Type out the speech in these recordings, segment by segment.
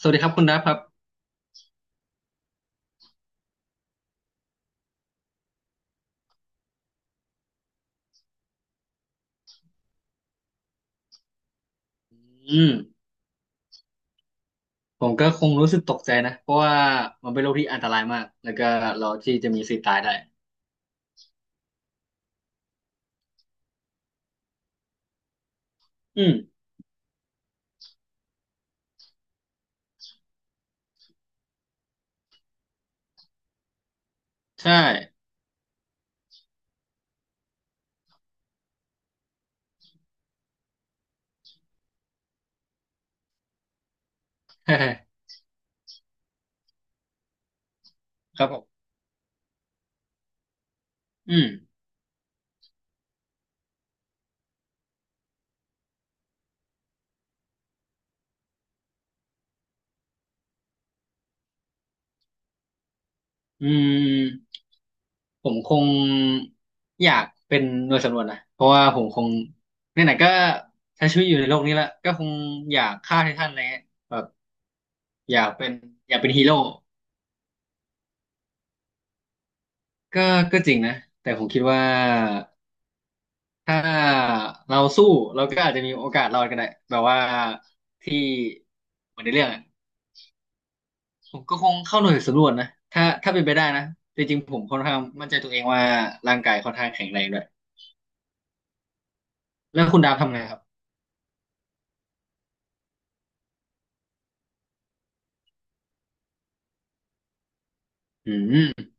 สวัสดีครับคุณดับครับอืมผมก็คงรู้สึกตกใจนะเพราะว่ามันเป็นโรคที่อันตรายมากแล้วก็เราที่จะมีสิทธิ์ตายได้อืมใช่ ครับผมอืมอืมผมคงอยากเป็นหน่วยสำรวจนะเพราะว่าผมคงไหนๆก็ใช้ชีวิตอยู่ในโลกนี้ละก็คงอยากฆ่าไททันอะไรเงี้ยแบบอยากเป็นอยากเป็นฮีโร่ก็ก็จริงนะแต่ผมคิดว่า ถ้าเราสู้เราก็อาจจะมีโอกาสรอดก็ได้แบบว่าที่เหมือนในเรื่องอะผมก็คงเข้าหน่วยสำรวจนะถ้าเป็นไปได้นะแต่จริงๆผมค่อนข้างมั่นใจตัวเองว่าร่างกายค่อนข้างแข็งแรงด้วยแล้วคุณดาวทำไงครับอืม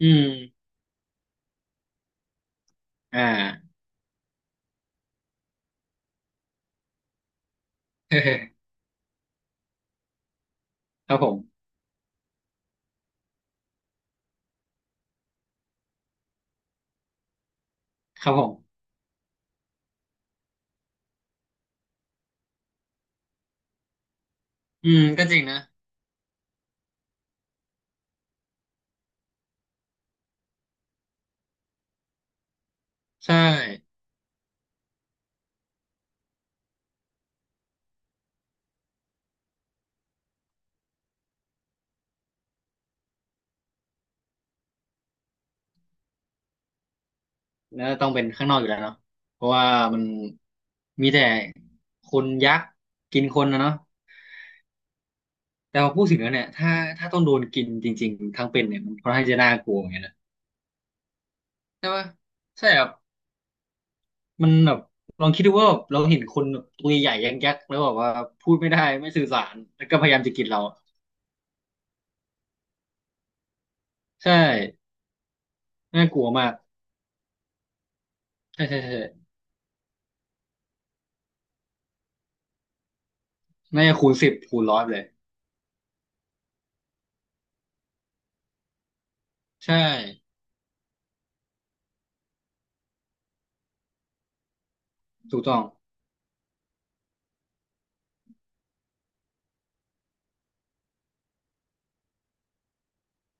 อืมอ่า ครับผมครับผมอืมก็จริงนะใช่แล้วต้องเป็นข้างนอกอยู่แล้วเนาะเพราะว่ามันมีแต่คนยักษ์กินคนนะเนาะ แต่พอพูดถึงแล้วเนี่ยถ้าต้องโดนกินจริงๆทั้งเป็นเนี่ยมันค่อนข้างจะน่ากลัวเหมือนกันนะใช่ปะใช่ครับมันแบบลองคิดดูว่าแบบเราเห็นคนแบบตัวใหญ่ยักษ์ยักษ์แล้วแบบว่าพูดไม่ได้ไม่สื่อสารแล้วก็พยายามจะกินเราใช่น่ากลัวมากใช่ใช่ใช่น่าจะคูณสิบคูณร้อยเลยใช่ถูกต้อง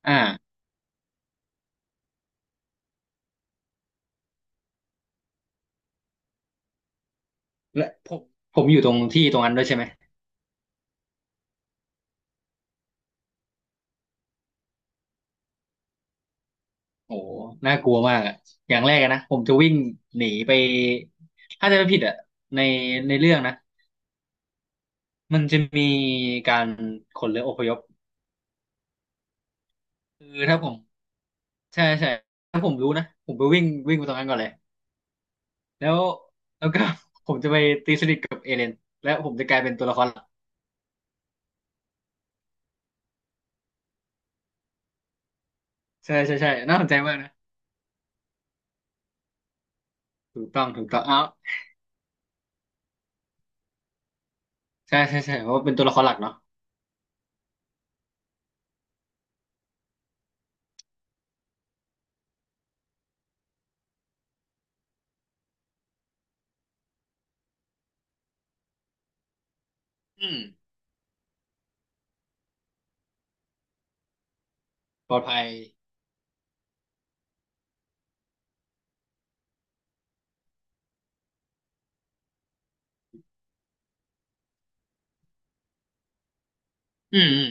อ่าและผมอยู่ตรงที่ตรงนั้นด้วยใช่ไหมโอ้โหน่ากลัวมากอะอย่างแรกอะนะผมจะวิ่งหนีไปถ้าจะไม่ผิดอะในในเรื่องนะ มันจะมีการขนเรืออพยพคือถ้าผมใช่ใช่ถ้าผมรู้นะผมไปวิ่งวิ่งไปตรงนั้นก่อนเลยแล้วแล้วก็ ผมจะไปตีสนิทกับเอเลนและผมจะกลายเป็นตัวละครหลักใช่ใช่ใช่น่าสนใจมากนะถูกต้องถูกต้องเอาใช่ใช่ใช่เพราะว่าเป็นตัวละครหลักเนาะอืมปลอดภัยอืมอืม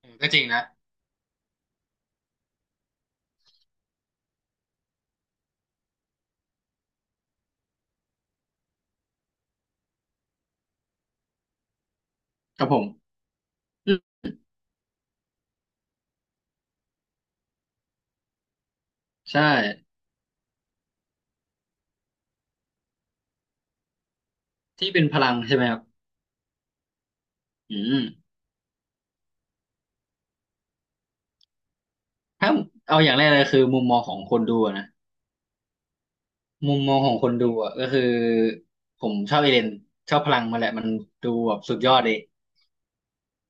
เออก็จริงนะครับผมอืมใช่ที่เป็นพลังใช่ไหมครับอืมถ้าเอาอย่างแรกเลยคือมุมมองของคนดูอะนะ มุมมองของคนดูอ่ะก็คือผมชอบเอเลนชอบพลังมาแหละมันดูแบบสุดยอดเลย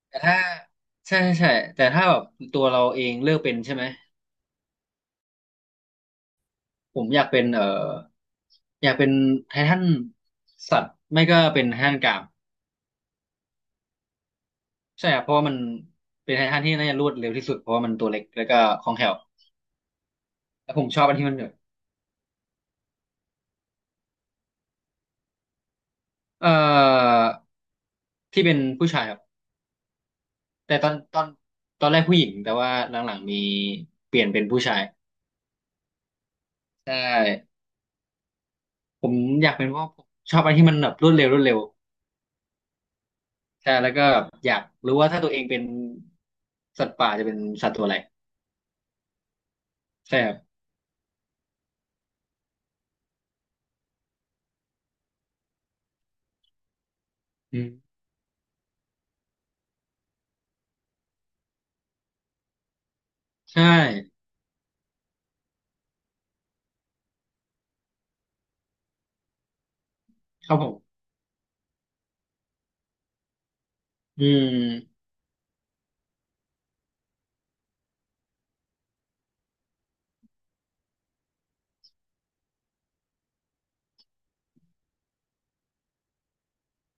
แต่ถ้าใช่ใช่ใช่แต่ถ้าแบบตัวเราเองเลือกเป็นใช่ไหมผมอยากเป็นอยากเป็นไททันสัตว์ไม่ก็เป็นไททันกรามใช่ครับเพราะว่ามันเป็นไททันที่น่าจะรวดเร็วที่สุดเพราะว่ามันตัวเล็กแล้วก็คล่องแคล่วแล้วผมชอบอันที่มันแบบเอ่อที่เป็นผู้ชายครับแต่ตอนแรกผู้หญิงแต่ว่าหลังๆมีเปลี่ยนเป็นผู้ชายใช่ ผมอยากเป็นเพราะผมชอบอะไรที่มันแบบรวดเร็วรวดเร็วใช่แล้วก็อยากรู้ว่าถ้าตัวเองเป็นสัตว์ป่าจะเป็นสัตว์ตัวอะไรใช่ครับอืมใช่ครับผมอืม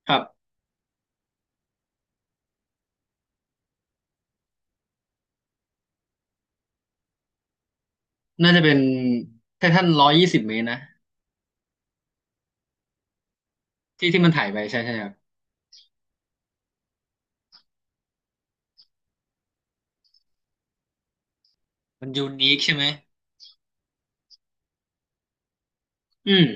ครับน่าจะเป็นไททัน120 เมตรนะที่ที่มันถ่ายไปใช่ใช่ครับมันยูนิคใช่ไหมอืม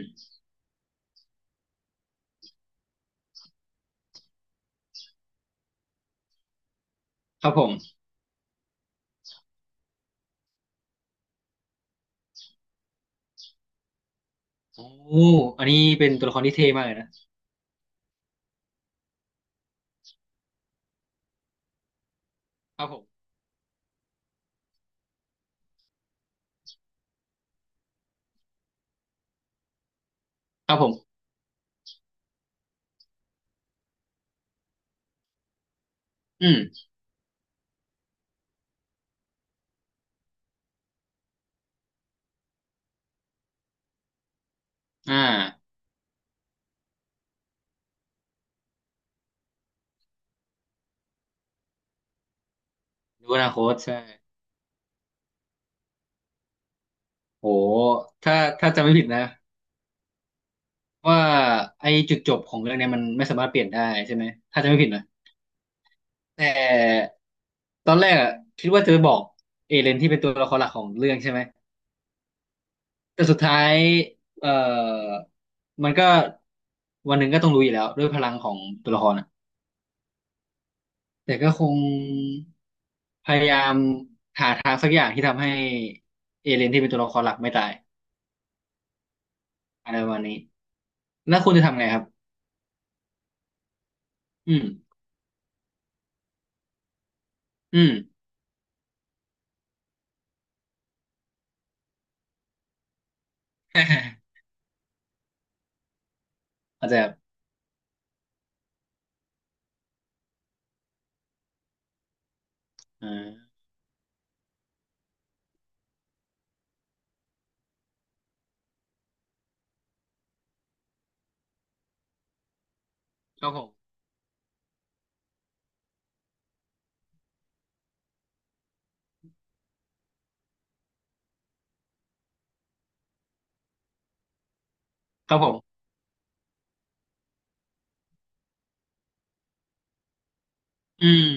ครับผมโอ้อันนี้เป็นตัวละครที่เท่มากเลยนะครับผมครับผมอืมอ่ารู้อนาคตใช่โหถ้าจำไม่ผิดนะ ว่าไอ้จุดจบของเรื่องเนี้ยมันไม่สามารถเปลี่ยนได้ใช่ไหมถ้าจะไม่ผิดนะแต่ตอนแรกอะคิดว่าจะไปบอกเอเลนที่เป็นตัวละครหลักของเรื่องใช่ไหมแต่สุดท้ายเอ่อมันก็วันหนึ่งก็ต้องรู้อยู่แล้วด้วยพลังของตัวละครอะแต่ก็คงพยายามหาทางสักอย่างที่ทำให้เอเลนที่เป็นตัวละครหลักไม่ตายอะไรประมาณนี้แล้วคุณจะทำไงครับอืมอืม อาจจะอ่าครับผมครับผม อืม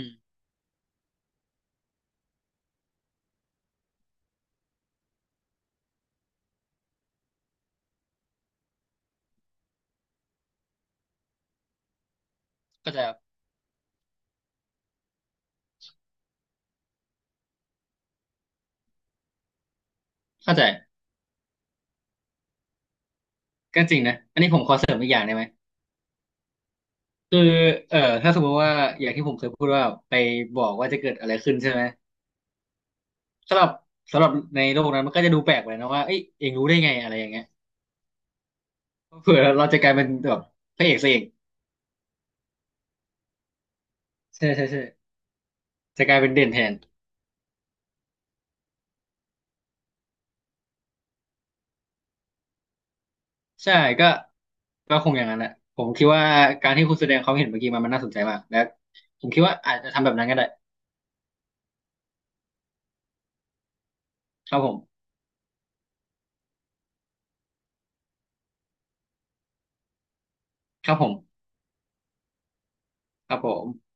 เข้าใจครับเข้าใจก็จริงนะอันนี้ผมขอเสริมอีกอย่างได้ไหมคือถ้าสมมติว่าอย่างที่ผมเคยพูดว่าไปบอกว่าจะเกิดอะไรขึ้นใช่ไหมสำหรับสำหรับในโลกนั้นมันก็จะดูแปลกไปนะว่าเอ้ยเองรู้ได้ไงอะไรอย่างเงี้ยเผื่อเราจะกลายเป็นแบบพระเอกซะเองใช่ใช่ใช่จะกลายเป็นเด่นแทนใช่ก็ก็คงอย่างนั้นแหละผมคิดว่าการที่คุณแสดงความเห็นเมื่อกี้มันน่าสนใจมากและผมคิดว่าอาจจะทำแบบนั้นก็ได้ครับผมครับผมครับผม